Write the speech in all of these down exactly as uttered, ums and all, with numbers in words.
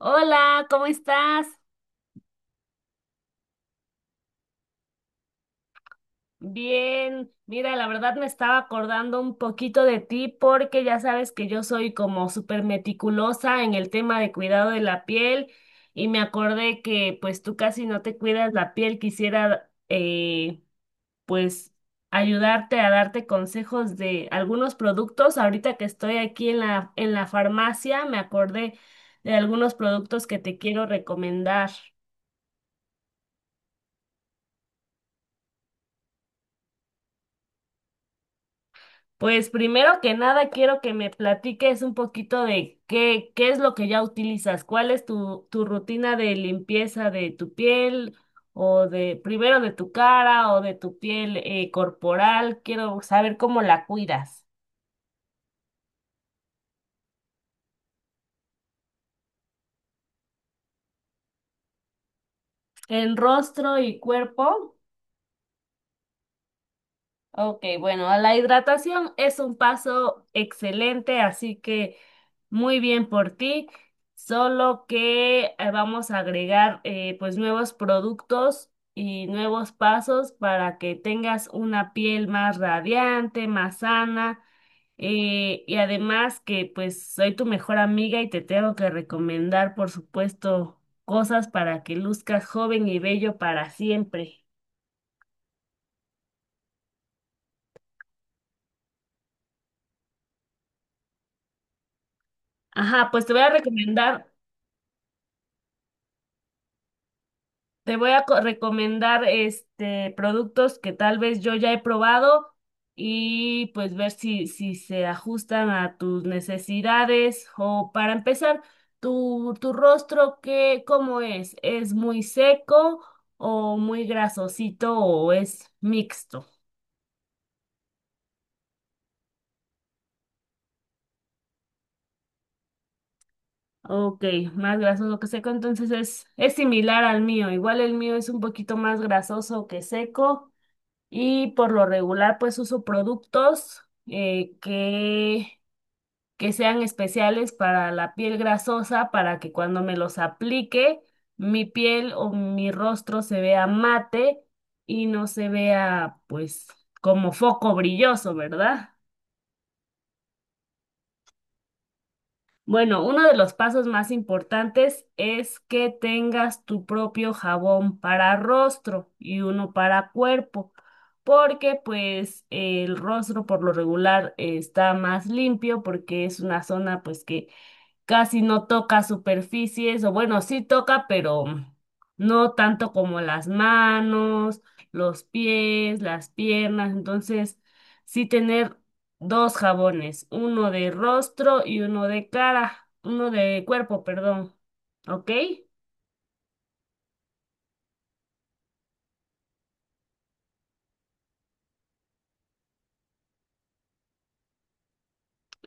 Hola, ¿cómo estás? Bien, mira, la verdad me estaba acordando un poquito de ti porque ya sabes que yo soy como súper meticulosa en el tema de cuidado de la piel y me acordé que pues tú casi no te cuidas la piel, quisiera eh, pues ayudarte a darte consejos de algunos productos. Ahorita que estoy aquí en la, en la farmacia, me acordé de algunos productos que te quiero recomendar. Pues primero que nada quiero que me platiques un poquito de qué, qué es lo que ya utilizas, cuál es tu, tu rutina de limpieza de tu piel o de primero de tu cara o de tu piel eh, corporal. Quiero saber cómo la cuidas en rostro y cuerpo. Ok, bueno, la hidratación es un paso excelente, así que muy bien por ti, solo que eh, vamos a agregar eh, pues nuevos productos y nuevos pasos para que tengas una piel más radiante, más sana, eh, y además que pues soy tu mejor amiga y te tengo que recomendar, por supuesto, cosas para que luzcas joven y bello para siempre. Ajá, pues te voy a recomendar. Te voy a co- recomendar este productos que tal vez yo ya he probado y pues ver si, si se ajustan a tus necesidades. O para empezar, tu, tu rostro, ¿qué, ¿cómo es? ¿Es muy seco o muy grasosito o es mixto? Ok, más grasoso que seco, entonces es, es similar al mío. Igual el mío es un poquito más grasoso que seco. Y por lo regular, pues uso productos eh, que, que sean especiales para la piel grasosa, para que cuando me los aplique, mi piel o mi rostro se vea mate y no se vea, pues, como foco brilloso, ¿verdad? Bueno, uno de los pasos más importantes es que tengas tu propio jabón para rostro y uno para cuerpo, porque pues el rostro por lo regular eh, está más limpio porque es una zona pues que casi no toca superficies, o bueno, sí toca, pero no tanto como las manos, los pies, las piernas. Entonces, sí, tener dos jabones, uno de rostro y uno de cara, uno de cuerpo, perdón. ¿Ok?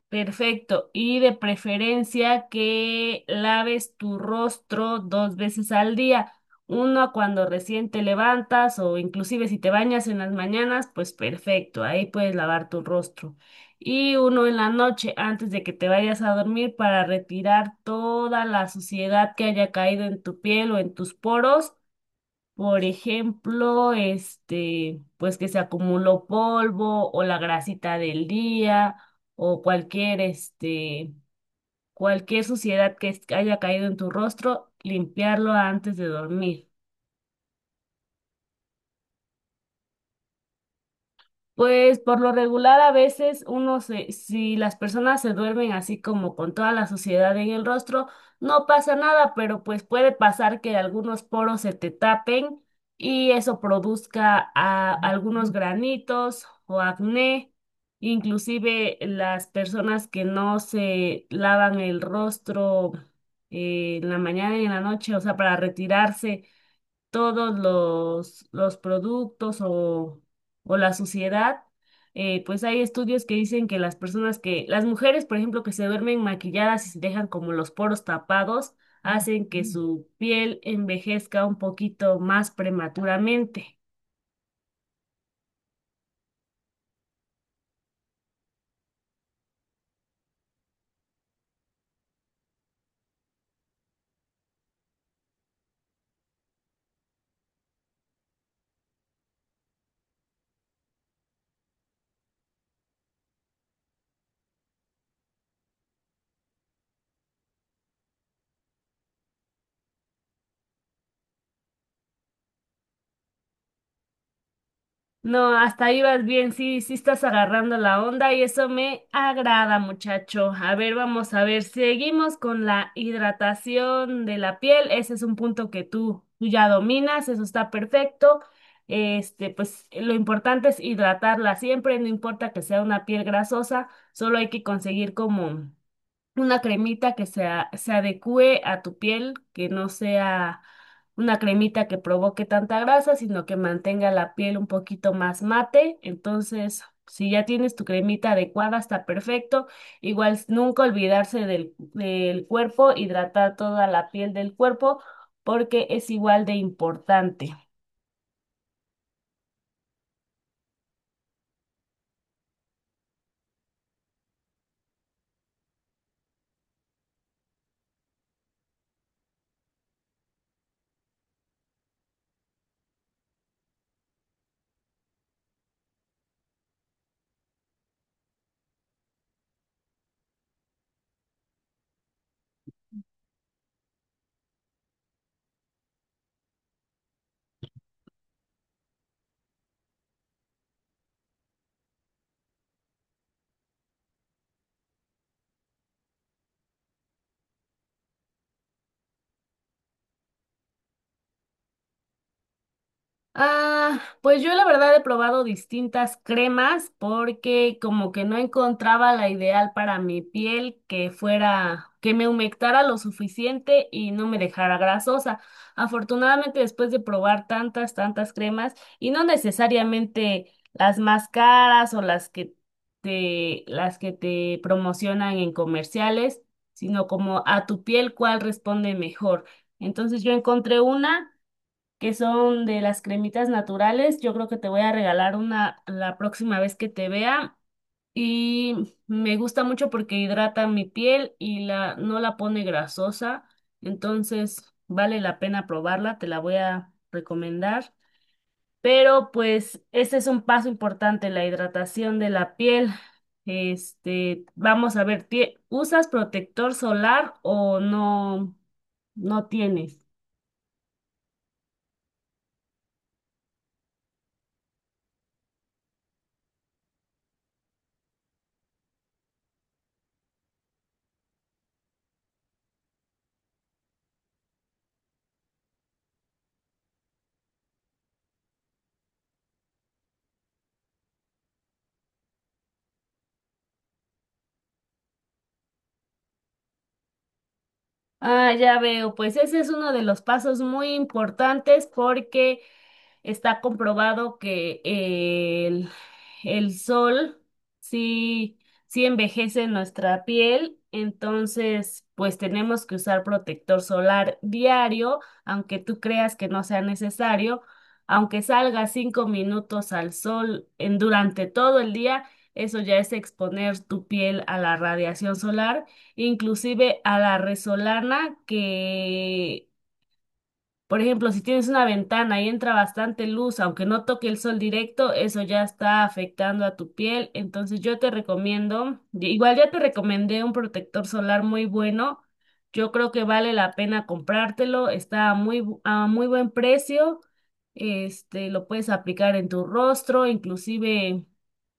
Perfecto. Y de preferencia que laves tu rostro dos veces al día. Una cuando recién te levantas o inclusive si te bañas en las mañanas, pues perfecto, ahí puedes lavar tu rostro. Y uno en la noche antes de que te vayas a dormir para retirar toda la suciedad que haya caído en tu piel o en tus poros, por ejemplo, este, pues que se acumuló polvo o la grasita del día o cualquier, este, cualquier suciedad que es- que haya caído en tu rostro, limpiarlo antes de dormir. Pues por lo regular a veces uno se, si las personas se duermen así como con toda la suciedad en el rostro, no pasa nada, pero pues puede pasar que algunos poros se te tapen y eso produzca a- algunos granitos o acné. Inclusive las personas que no se lavan el rostro eh, en la mañana y en la noche, o sea, para retirarse todos los, los productos o, o la suciedad, eh, pues hay estudios que dicen que las personas que, las mujeres, por ejemplo, que se duermen maquilladas y se dejan como los poros tapados, hacen que su piel envejezca un poquito más prematuramente. No, hasta ahí vas bien, sí, sí estás agarrando la onda y eso me agrada, muchacho. A ver, vamos a ver, seguimos con la hidratación de la piel. Ese es un punto que tú, tú ya dominas, eso está perfecto. Este, pues lo importante es hidratarla siempre, no importa que sea una piel grasosa, solo hay que conseguir como una cremita que se, a- se adecue a tu piel, que no sea una cremita que provoque tanta grasa, sino que mantenga la piel un poquito más mate. Entonces, si ya tienes tu cremita adecuada, está perfecto. Igual s- nunca olvidarse del, del cuerpo, hidratar toda la piel del cuerpo, porque es igual de importante. Ah, pues yo la verdad he probado distintas cremas porque como que no encontraba la ideal para mi piel que fuera, que me humectara lo suficiente y no me dejara grasosa. Afortunadamente después de probar tantas, tantas cremas y no necesariamente las más caras o las que te, las que te promocionan en comerciales, sino como a tu piel cuál responde mejor. Entonces yo encontré una que son de las cremitas naturales. Yo creo que te voy a regalar una la próxima vez que te vea. Y me gusta mucho porque hidrata mi piel y la, no la pone grasosa. Entonces vale la pena probarla, te la voy a recomendar. Pero pues este es un paso importante, la hidratación de la piel. Este, vamos a ver, tie- ¿usas protector solar o no, no tienes? Ah, ya veo, pues ese es uno de los pasos muy importantes porque está comprobado que el, el sol sí, sí envejece nuestra piel, entonces pues tenemos que usar protector solar diario, aunque tú creas que no sea necesario, aunque salga cinco minutos al sol en, durante todo el día, eso ya es exponer tu piel a la radiación solar, inclusive a la resolana, que, por ejemplo, si tienes una ventana y entra bastante luz, aunque no toque el sol directo, eso ya está afectando a tu piel. Entonces yo te recomiendo, y- igual ya te recomendé un protector solar muy bueno. Yo creo que vale la pena comprártelo. Está a muy, bu- a muy buen precio. Este, lo puedes aplicar en tu rostro, inclusive,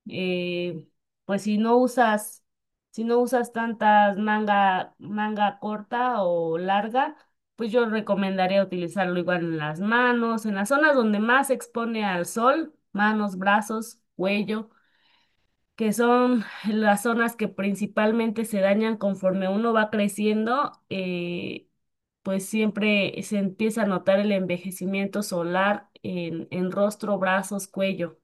eh, pues si no usas, si no usas tantas manga, manga corta o larga, pues yo recomendaría utilizarlo igual en las manos, en las zonas donde más se expone al sol, manos, brazos, cuello, que son las zonas que principalmente se dañan conforme uno va creciendo, eh, pues siempre se empieza a notar el envejecimiento solar en, en rostro, brazos, cuello.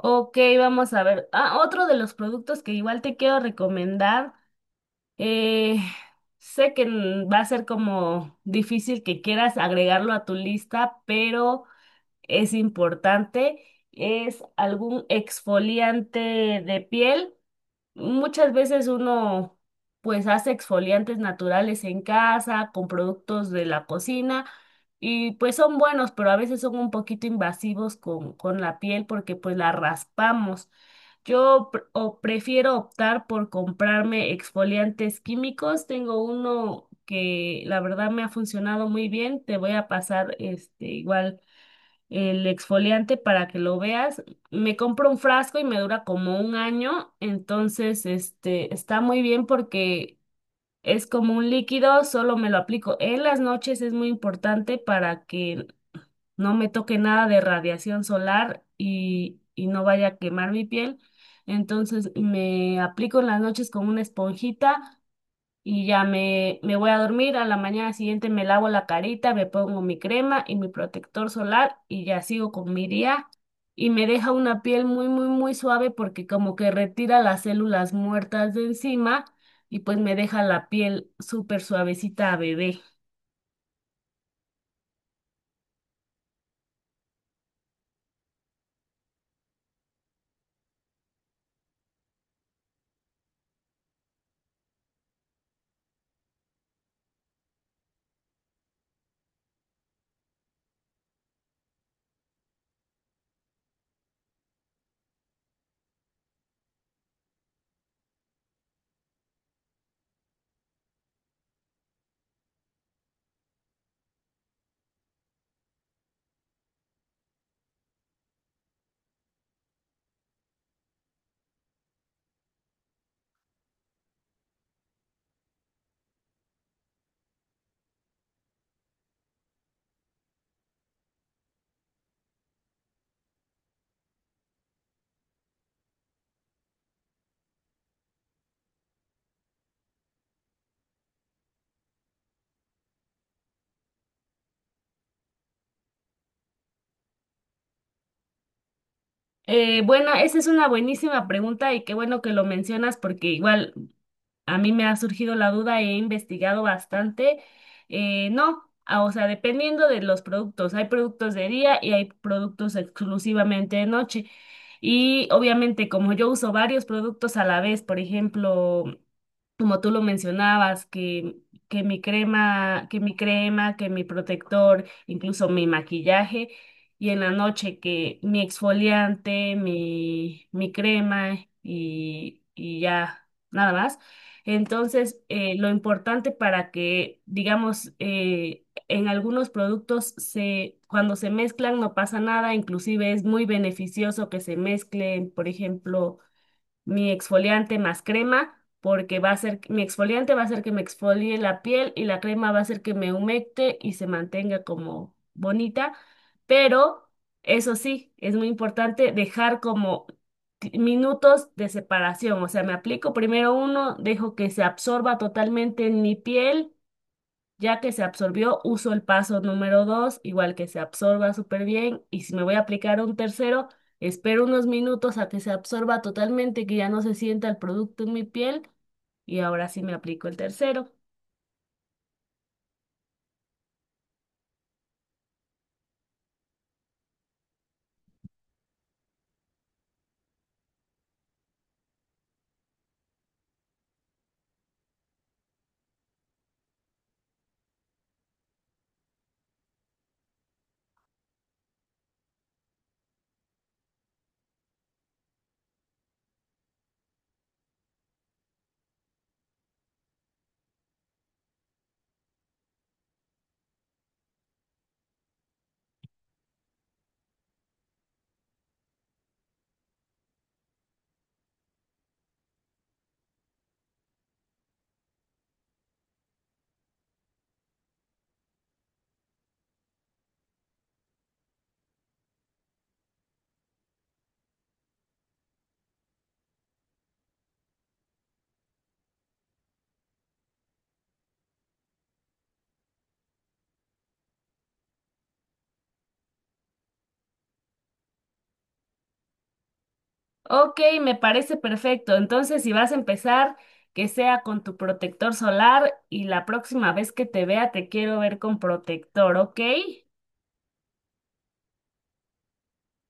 Ok, vamos a ver. Ah, otro de los productos que igual te quiero recomendar. Eh, Sé que n- va a ser como difícil que quieras agregarlo a tu lista, pero es importante. Es algún exfoliante de piel. Muchas veces uno pues hace exfoliantes naturales en casa con productos de la cocina y pues son buenos, pero a veces son un poquito invasivos con, con la piel porque pues la raspamos. Yo pr- o prefiero optar por comprarme exfoliantes químicos. Tengo uno que la verdad me ha funcionado muy bien. Te voy a pasar este, igual el exfoliante, para que lo veas. Me compro un frasco y me dura como un año. Entonces, este está muy bien porque es como un líquido, solo me lo aplico en las noches. Es muy importante para que no me toque nada de radiación solar y, y no vaya a quemar mi piel. Entonces me aplico en las noches con una esponjita y ya me, me voy a dormir. A la mañana siguiente me lavo la carita, me pongo mi crema y mi protector solar y ya sigo con mi día. Y me deja una piel muy, muy, muy suave porque como que retira las células muertas de encima y pues me deja la piel súper suavecita a bebé. Eh, bueno, esa es una buenísima pregunta y qué bueno que lo mencionas porque igual a mí me ha surgido la duda, he investigado bastante. Eh, no, ah, O sea, dependiendo de los productos, hay productos de día y hay productos exclusivamente de noche. Y obviamente como yo uso varios productos a la vez, por ejemplo, como tú lo mencionabas, que, que mi crema, que mi crema, que mi protector, incluso mi maquillaje, y en la noche que mi exfoliante, mi, mi crema y, y ya nada más. Entonces, eh, lo importante para que, digamos, eh, en algunos productos se, cuando se mezclan no pasa nada, inclusive es muy beneficioso que se mezclen, por ejemplo, mi exfoliante más crema, porque va a ser, mi exfoliante va a hacer que me exfolie la piel y la crema va a hacer que me humecte y se mantenga como bonita, pero eso sí, es muy importante dejar como ti- minutos de separación, o sea, me aplico primero uno, dejo que se absorba totalmente en mi piel. Ya que se absorbió, uso el paso número dos, igual que se absorba súper bien. Y si me voy a aplicar un tercero, espero unos minutos a que se absorba totalmente, que ya no se sienta el producto en mi piel. Y ahora sí me aplico el tercero. Ok, me parece perfecto. Entonces, si vas a empezar, que sea con tu protector solar y la próxima vez que te vea te quiero ver con protector, ¿ok?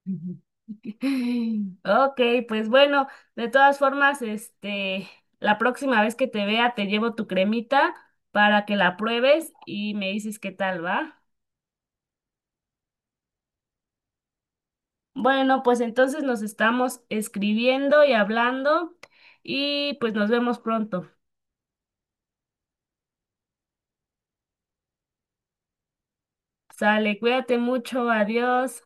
Ok, pues bueno, de todas formas, este, la próxima vez que te vea te llevo tu cremita para que la pruebes y me dices qué tal va. Bueno, pues entonces nos estamos escribiendo y hablando y pues nos vemos pronto. Sale, cuídate mucho, adiós.